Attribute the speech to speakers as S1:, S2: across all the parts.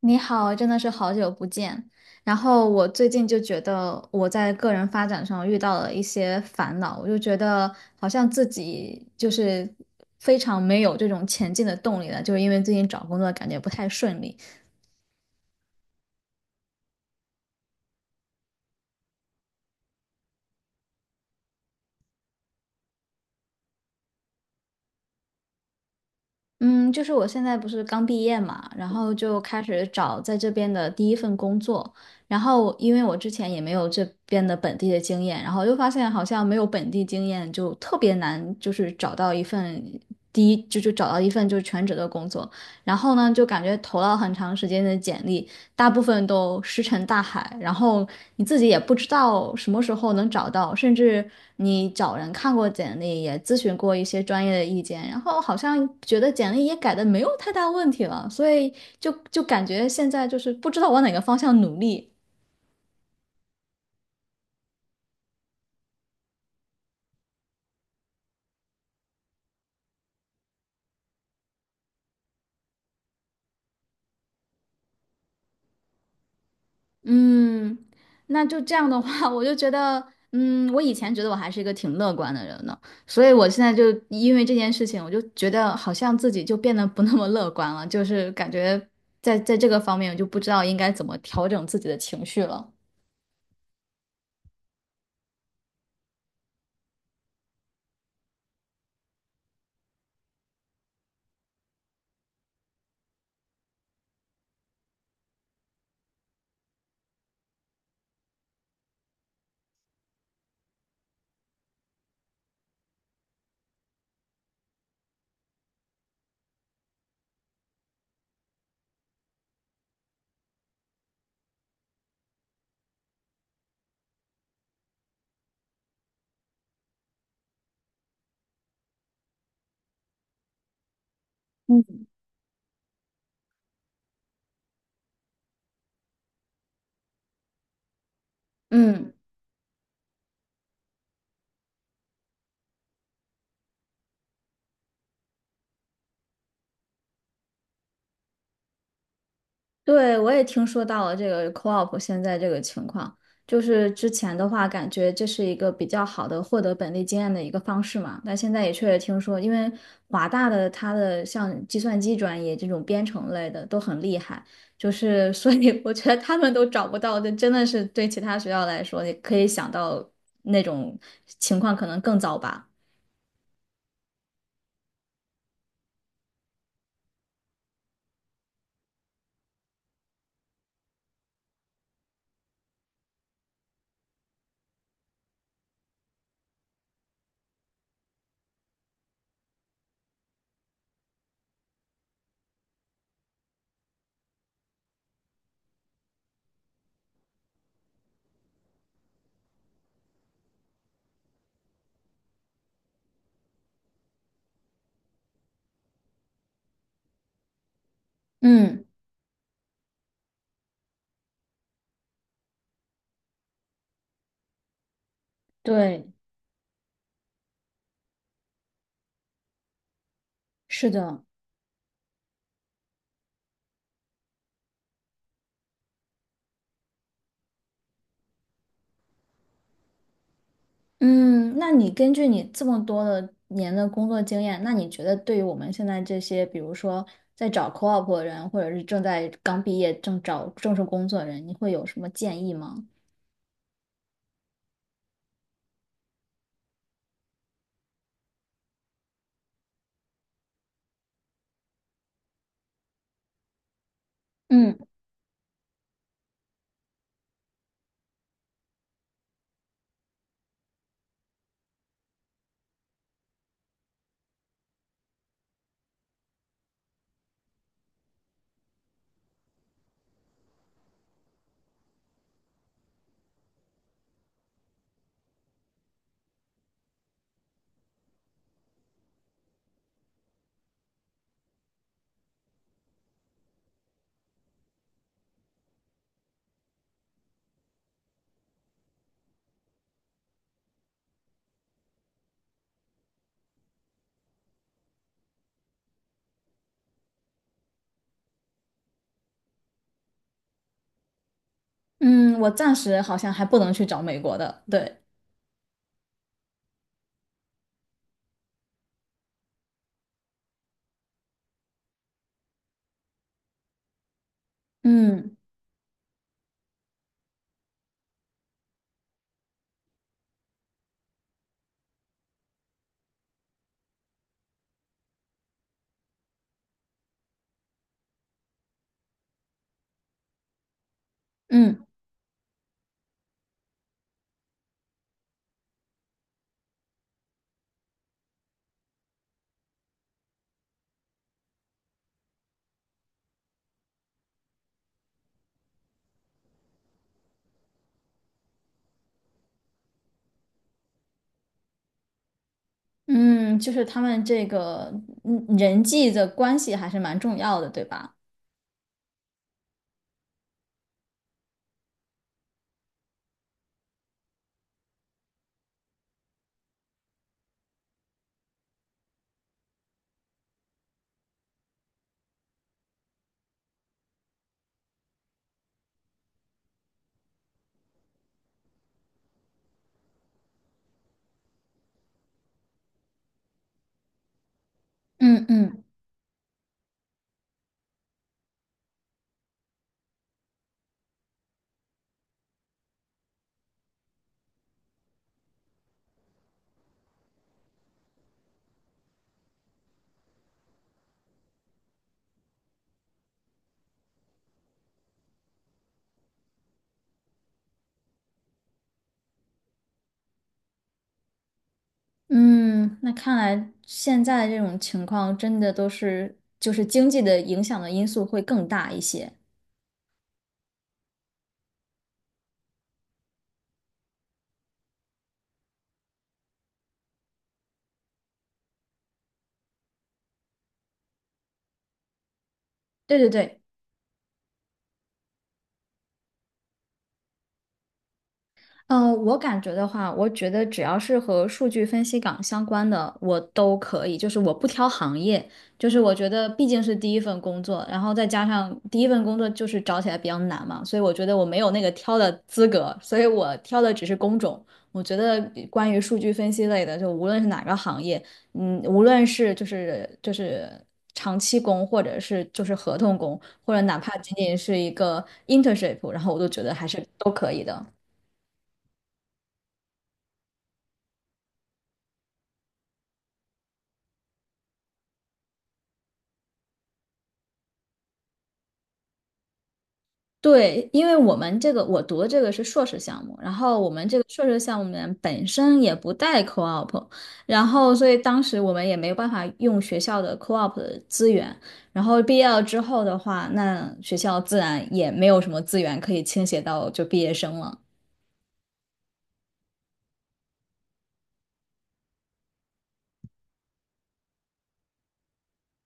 S1: 你好，真的是好久不见。然后我最近就觉得我在个人发展上遇到了一些烦恼，我就觉得好像自己就是非常没有这种前进的动力了，就是因为最近找工作感觉不太顺利。嗯，就是我现在不是刚毕业嘛，然后就开始找在这边的第一份工作，然后因为我之前也没有这边的本地的经验，然后又发现好像没有本地经验就特别难，就是找到一份第一就找到一份就是全职的工作，然后呢就感觉投了很长时间的简历，大部分都石沉大海，然后你自己也不知道什么时候能找到，甚至你找人看过简历，也咨询过一些专业的意见，然后好像觉得简历也改的没有太大问题了，所以就感觉现在就是不知道往哪个方向努力。嗯，那就这样的话，我就觉得，嗯，我以前觉得我还是一个挺乐观的人呢，所以我现在就因为这件事情，我就觉得好像自己就变得不那么乐观了，就是感觉在这个方面，我就不知道应该怎么调整自己的情绪了。嗯。对，我也听说到了这个 co-op 现在这个情况，就是之前的话，感觉这是一个比较好的获得本地经验的一个方式嘛。但现在也确实听说，因为华大的它的像计算机专业这种编程类的都很厉害，就是所以我觉得他们都找不到，这真的是对其他学校来说，你可以想到那种情况可能更糟吧。嗯，对，是的。嗯，那你根据你这么多的年的工作经验，那你觉得对于我们现在这些，比如说在找 co-op 的人，或者是正在刚毕业正找正式工作的人，你会有什么建议吗？嗯嗯，我暂时好像还不能去找美国的，对，嗯嗯嗯，就是他们这个嗯人际的关系还是蛮重要的，对吧？嗯嗯。嗯，那看来现在这种情况真的都是，就是经济的影响的因素会更大一些。对对对，我感觉的话，我觉得只要是和数据分析岗相关的，我都可以。就是我不挑行业，就是我觉得毕竟是第一份工作，然后再加上第一份工作就是找起来比较难嘛，所以我觉得我没有那个挑的资格，所以我挑的只是工种。我觉得关于数据分析类的，就无论是哪个行业，嗯，无论是就是长期工，或者是就是合同工，或者哪怕仅仅是一个 internship,然后我都觉得还是都可以的。对，因为我们这个我读的这个是硕士项目，然后我们这个硕士项目里面本身也不带 co-op,然后所以当时我们也没有办法用学校的 co-op 的资源，然后毕业了之后的话，那学校自然也没有什么资源可以倾斜到就毕业生了。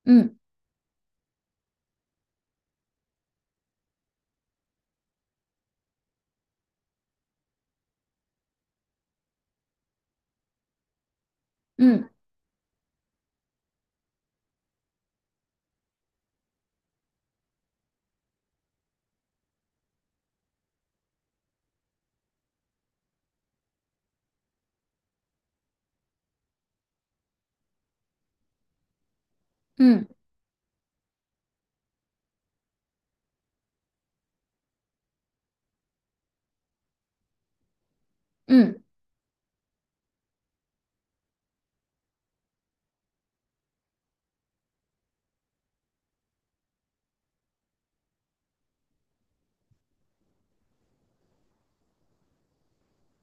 S1: 嗯嗯嗯嗯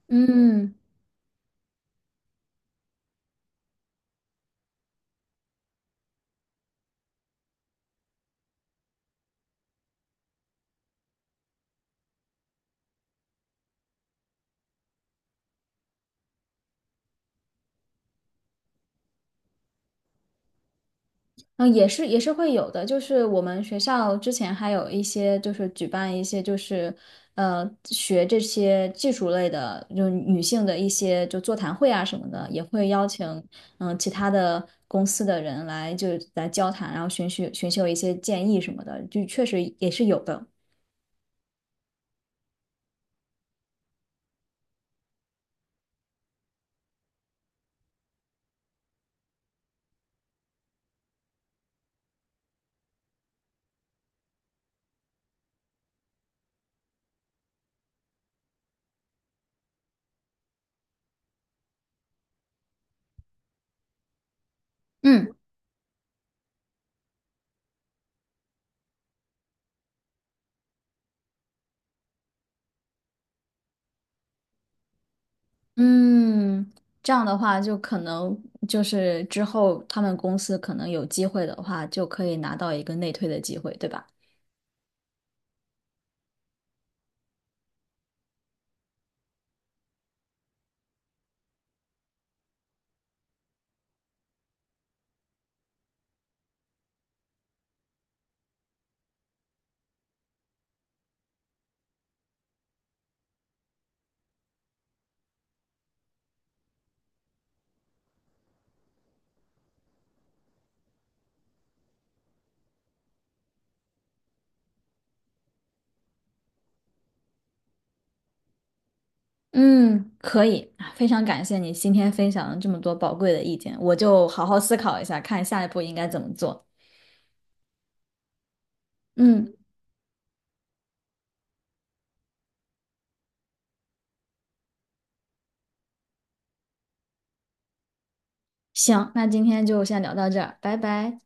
S1: 嗯。嗯，也是也是会有的，就是我们学校之前还有一些就是举办一些就是学这些技术类的，就是女性的一些就座谈会啊什么的，也会邀请其他的公司的人来就来交谈，然后寻求一些建议什么的，就确实也是有的。嗯嗯，这样的话就可能就是之后他们公司可能有机会的话，就可以拿到一个内推的机会，对吧？嗯，可以，啊非常感谢你今天分享了这么多宝贵的意见，我就好好思考一下，看下一步应该怎么做。嗯，行，那今天就先聊到这儿，拜拜。